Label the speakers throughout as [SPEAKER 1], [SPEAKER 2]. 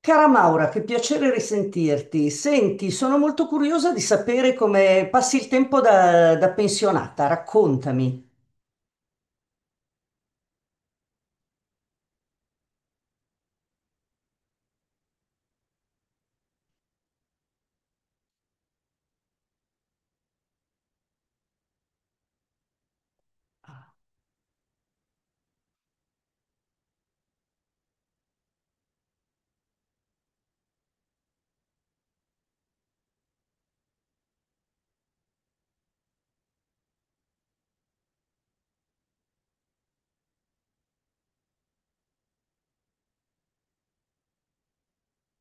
[SPEAKER 1] Cara Maura, che piacere risentirti. Senti, sono molto curiosa di sapere come passi il tempo da pensionata. Raccontami.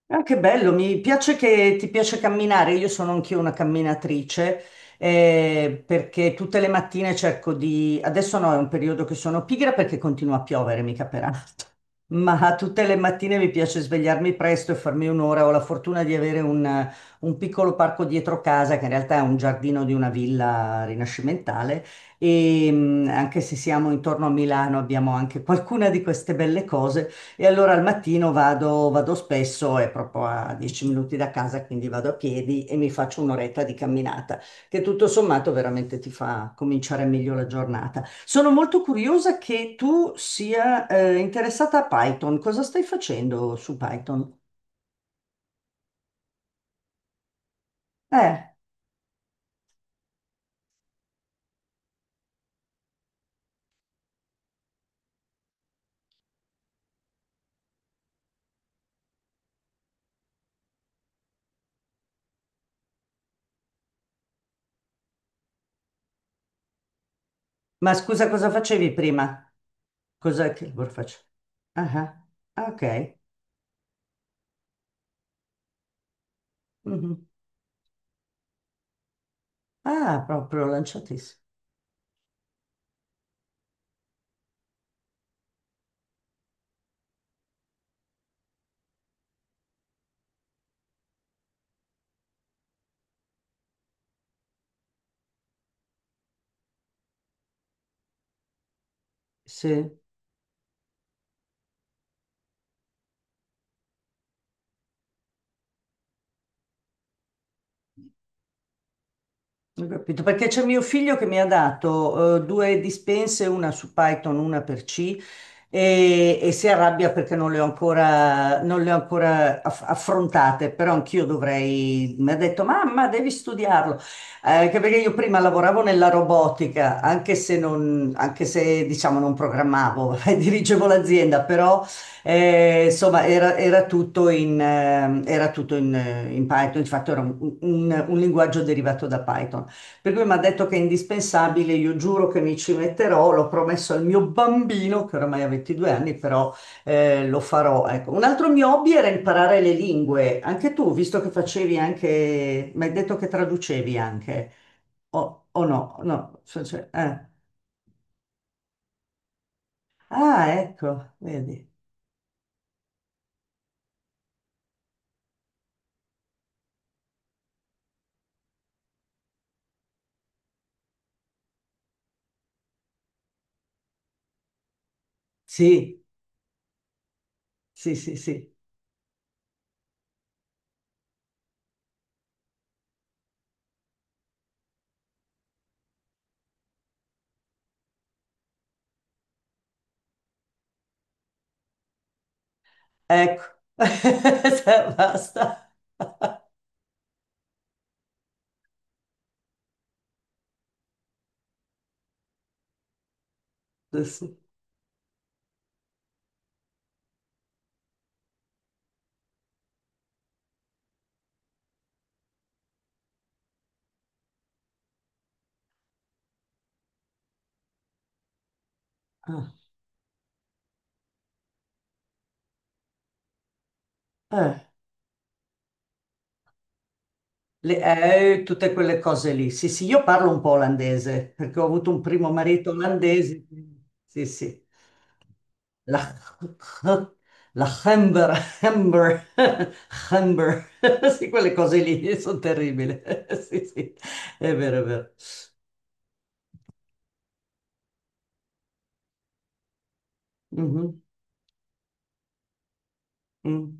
[SPEAKER 1] Ah, che bello, mi piace che ti piace camminare. Io sono anch'io una camminatrice, perché tutte le mattine cerco di. Adesso no, è un periodo che sono pigra perché continua a piovere, mica per. Ma tutte le mattine mi piace svegliarmi presto e farmi un'ora. Ho la fortuna di avere un piccolo parco dietro casa, che in realtà è un giardino di una villa rinascimentale. E anche se siamo intorno a Milano, abbiamo anche qualcuna di queste belle cose. E allora al mattino vado spesso, è proprio a 10 minuti da casa, quindi vado a piedi e mi faccio un'oretta di camminata che tutto sommato veramente ti fa cominciare meglio la giornata. Sono molto curiosa che tu sia interessata a Python. Cosa stai facendo su Python? Eh, ma scusa, cosa facevi prima? Cosa che lavoro faccio? Ah, ah, ah, ok. Mhm. Ah, proprio lanciatissimo. Sì. Ho capito, perché c'è mio figlio che mi ha dato due dispense, una su Python, una per C, e si arrabbia perché non le ho ancora affrontate, però anch'io dovrei, mi ha detto, mamma, devi studiarlo. Anche perché io prima lavoravo nella robotica, anche se, non, anche se diciamo non programmavo, dirigevo l'azienda, però insomma, era era tutto in Python, infatti era un linguaggio derivato da Python. Per cui mi ha detto che è indispensabile, io giuro che mi ci metterò, l'ho promesso al mio bambino, che oramai ha 22 anni, però lo farò. Ecco. Un altro mio hobby era imparare le lingue. Anche tu, visto che facevi anche, mi hai detto che traducevi anche, o no? No, cioè. Ah, ecco, vedi. Sì, sì, sì, sì. Ecco. Basta. Adesso. Ah. Eh. Le- tutte quelle cose lì. Sì, sì, io parlo un po' olandese perché ho avuto un primo marito olandese. Sì, sì. La, la Humber, Humber, Humber. Sì, quelle cose lì sono terribili. Sì, sì, è vero, è vero. Mhm, mm.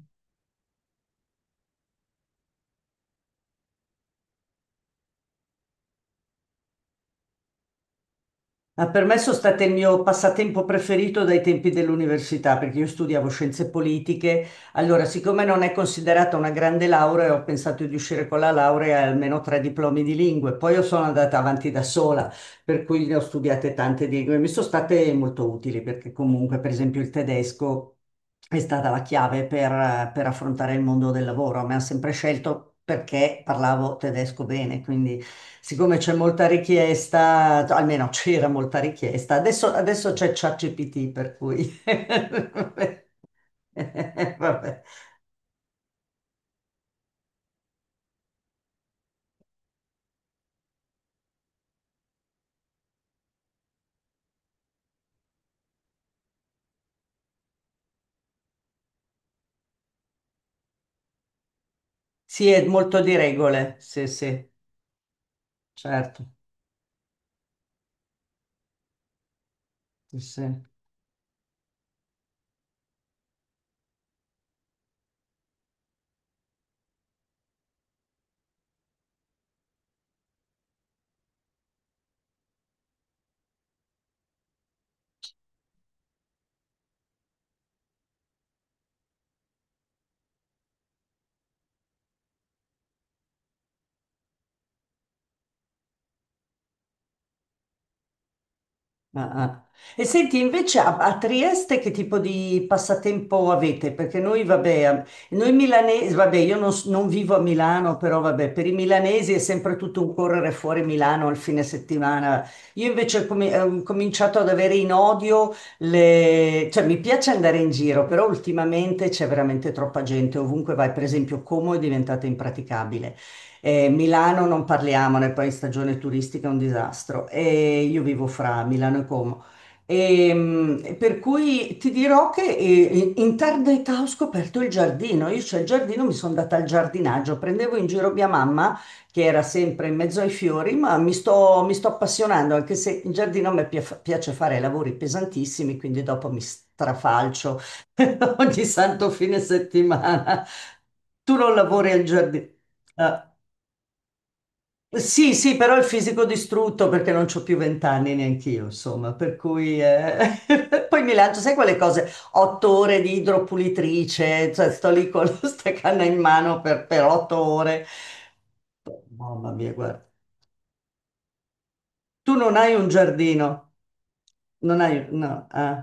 [SPEAKER 1] Ma per me sono state il mio passatempo preferito dai tempi dell'università, perché io studiavo scienze politiche. Allora, siccome non è considerata una grande laurea, ho pensato di uscire con la laurea e almeno tre diplomi di lingue. Poi io sono andata avanti da sola, per cui ne ho studiate tante lingue. Mi sono state molto utili perché comunque, per esempio, il tedesco è stata la chiave per affrontare il mondo del lavoro. Mi hanno sempre scelto perché parlavo tedesco bene, quindi siccome c'è molta richiesta, almeno c'era molta richiesta, adesso c'è ChatGPT, per cui. Vabbè. Sì, è molto di regole, sì, sì, certo. Sì, sì. Ah, ah. E senti, invece a Trieste che tipo di passatempo avete? Perché noi, vabbè, noi milanesi, vabbè, io non vivo a Milano, però vabbè, per i milanesi è sempre tutto un correre fuori Milano il fine settimana. Io invece ho cominciato ad avere in odio le, cioè mi piace andare in giro, però ultimamente c'è veramente troppa gente, ovunque vai, per esempio Como è diventata impraticabile. Milano non parliamone, poi in stagione turistica è un disastro. E io vivo fra Milano e Como. Per cui ti dirò che in tarda età ho scoperto il giardino. Io c'è il giardino, mi sono data al giardinaggio, prendevo in giro mia mamma che era sempre in mezzo ai fiori, ma mi sto appassionando, anche se in giardino a me piace fare lavori pesantissimi, quindi dopo mi strafalcio ogni santo fine settimana. Tu non lavori al giardino. Sì, sì, però il fisico distrutto perché non c'ho più vent'anni neanch'io, insomma, per cui poi mi lancio, sai quelle cose, 8 ore di idropulitrice, cioè sto lì con questa canna in mano per 8 ore. Mamma mia, guarda. Tu non hai un giardino, non hai, no,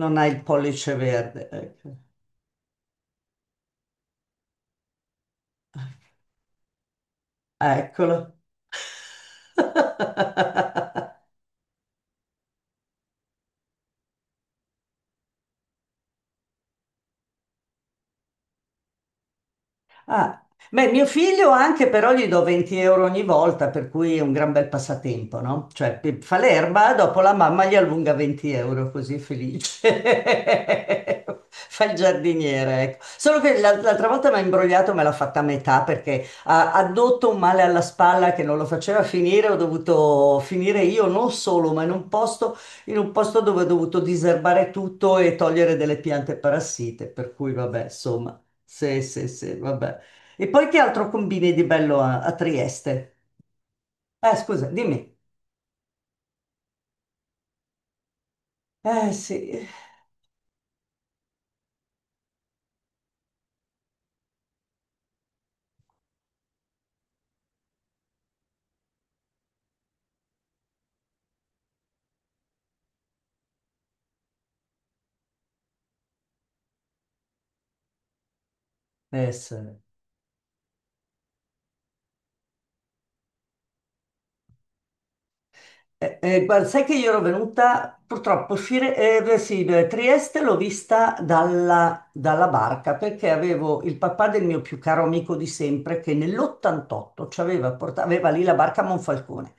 [SPEAKER 1] non hai il pollice verde, ecco. Eccolo. Ah. Beh, mio figlio anche però gli do 20 euro ogni volta, per cui è un gran bel passatempo, no? Cioè, fa l'erba, dopo la mamma gli allunga 20 euro, così è felice. Fa il giardiniere, ecco. Solo che l'altra volta mi ha imbrogliato, me l'ha fatta a metà perché ha addotto un male alla spalla che non lo faceva finire, ho dovuto finire io non solo, ma in un posto dove ho dovuto diserbare tutto e togliere delle piante parassite, per cui vabbè, insomma. Sì, sì, sì, vabbè. E poi che altro combini di bello a Trieste? Scusa, dimmi. Sì. Sì. Guarda, sai che io ero venuta, purtroppo, beh, sì, beh, Trieste l'ho vista dalla barca perché avevo il papà del mio più caro amico di sempre che nell'88 ci aveva portato, aveva lì la barca a Monfalcone.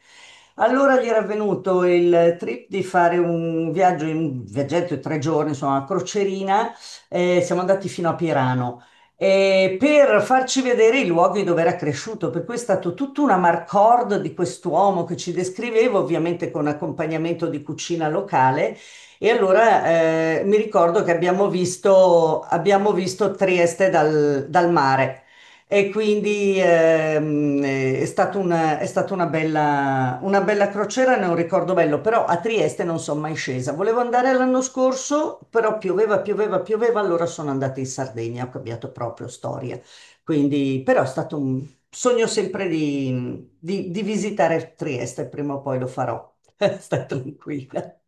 [SPEAKER 1] Allora gli era venuto il trip di fare un viaggio, un viaggetto di 3 giorni, insomma, una crocerina. Siamo andati fino a Pirano. Per farci vedere i luoghi dove era cresciuto. Per cui è stato tutta una marcord di quest'uomo che ci descrivevo, ovviamente con accompagnamento di cucina locale. E allora mi ricordo che abbiamo visto Trieste dal mare. E quindi è stata una bella crociera, ne ho un ricordo bello, però a Trieste non sono mai scesa. Volevo andare l'anno scorso, però pioveva, pioveva, pioveva, allora sono andata in Sardegna, ho cambiato proprio storia. Quindi, però è stato un sogno sempre di visitare Trieste, prima o poi lo farò. Stai tranquilla.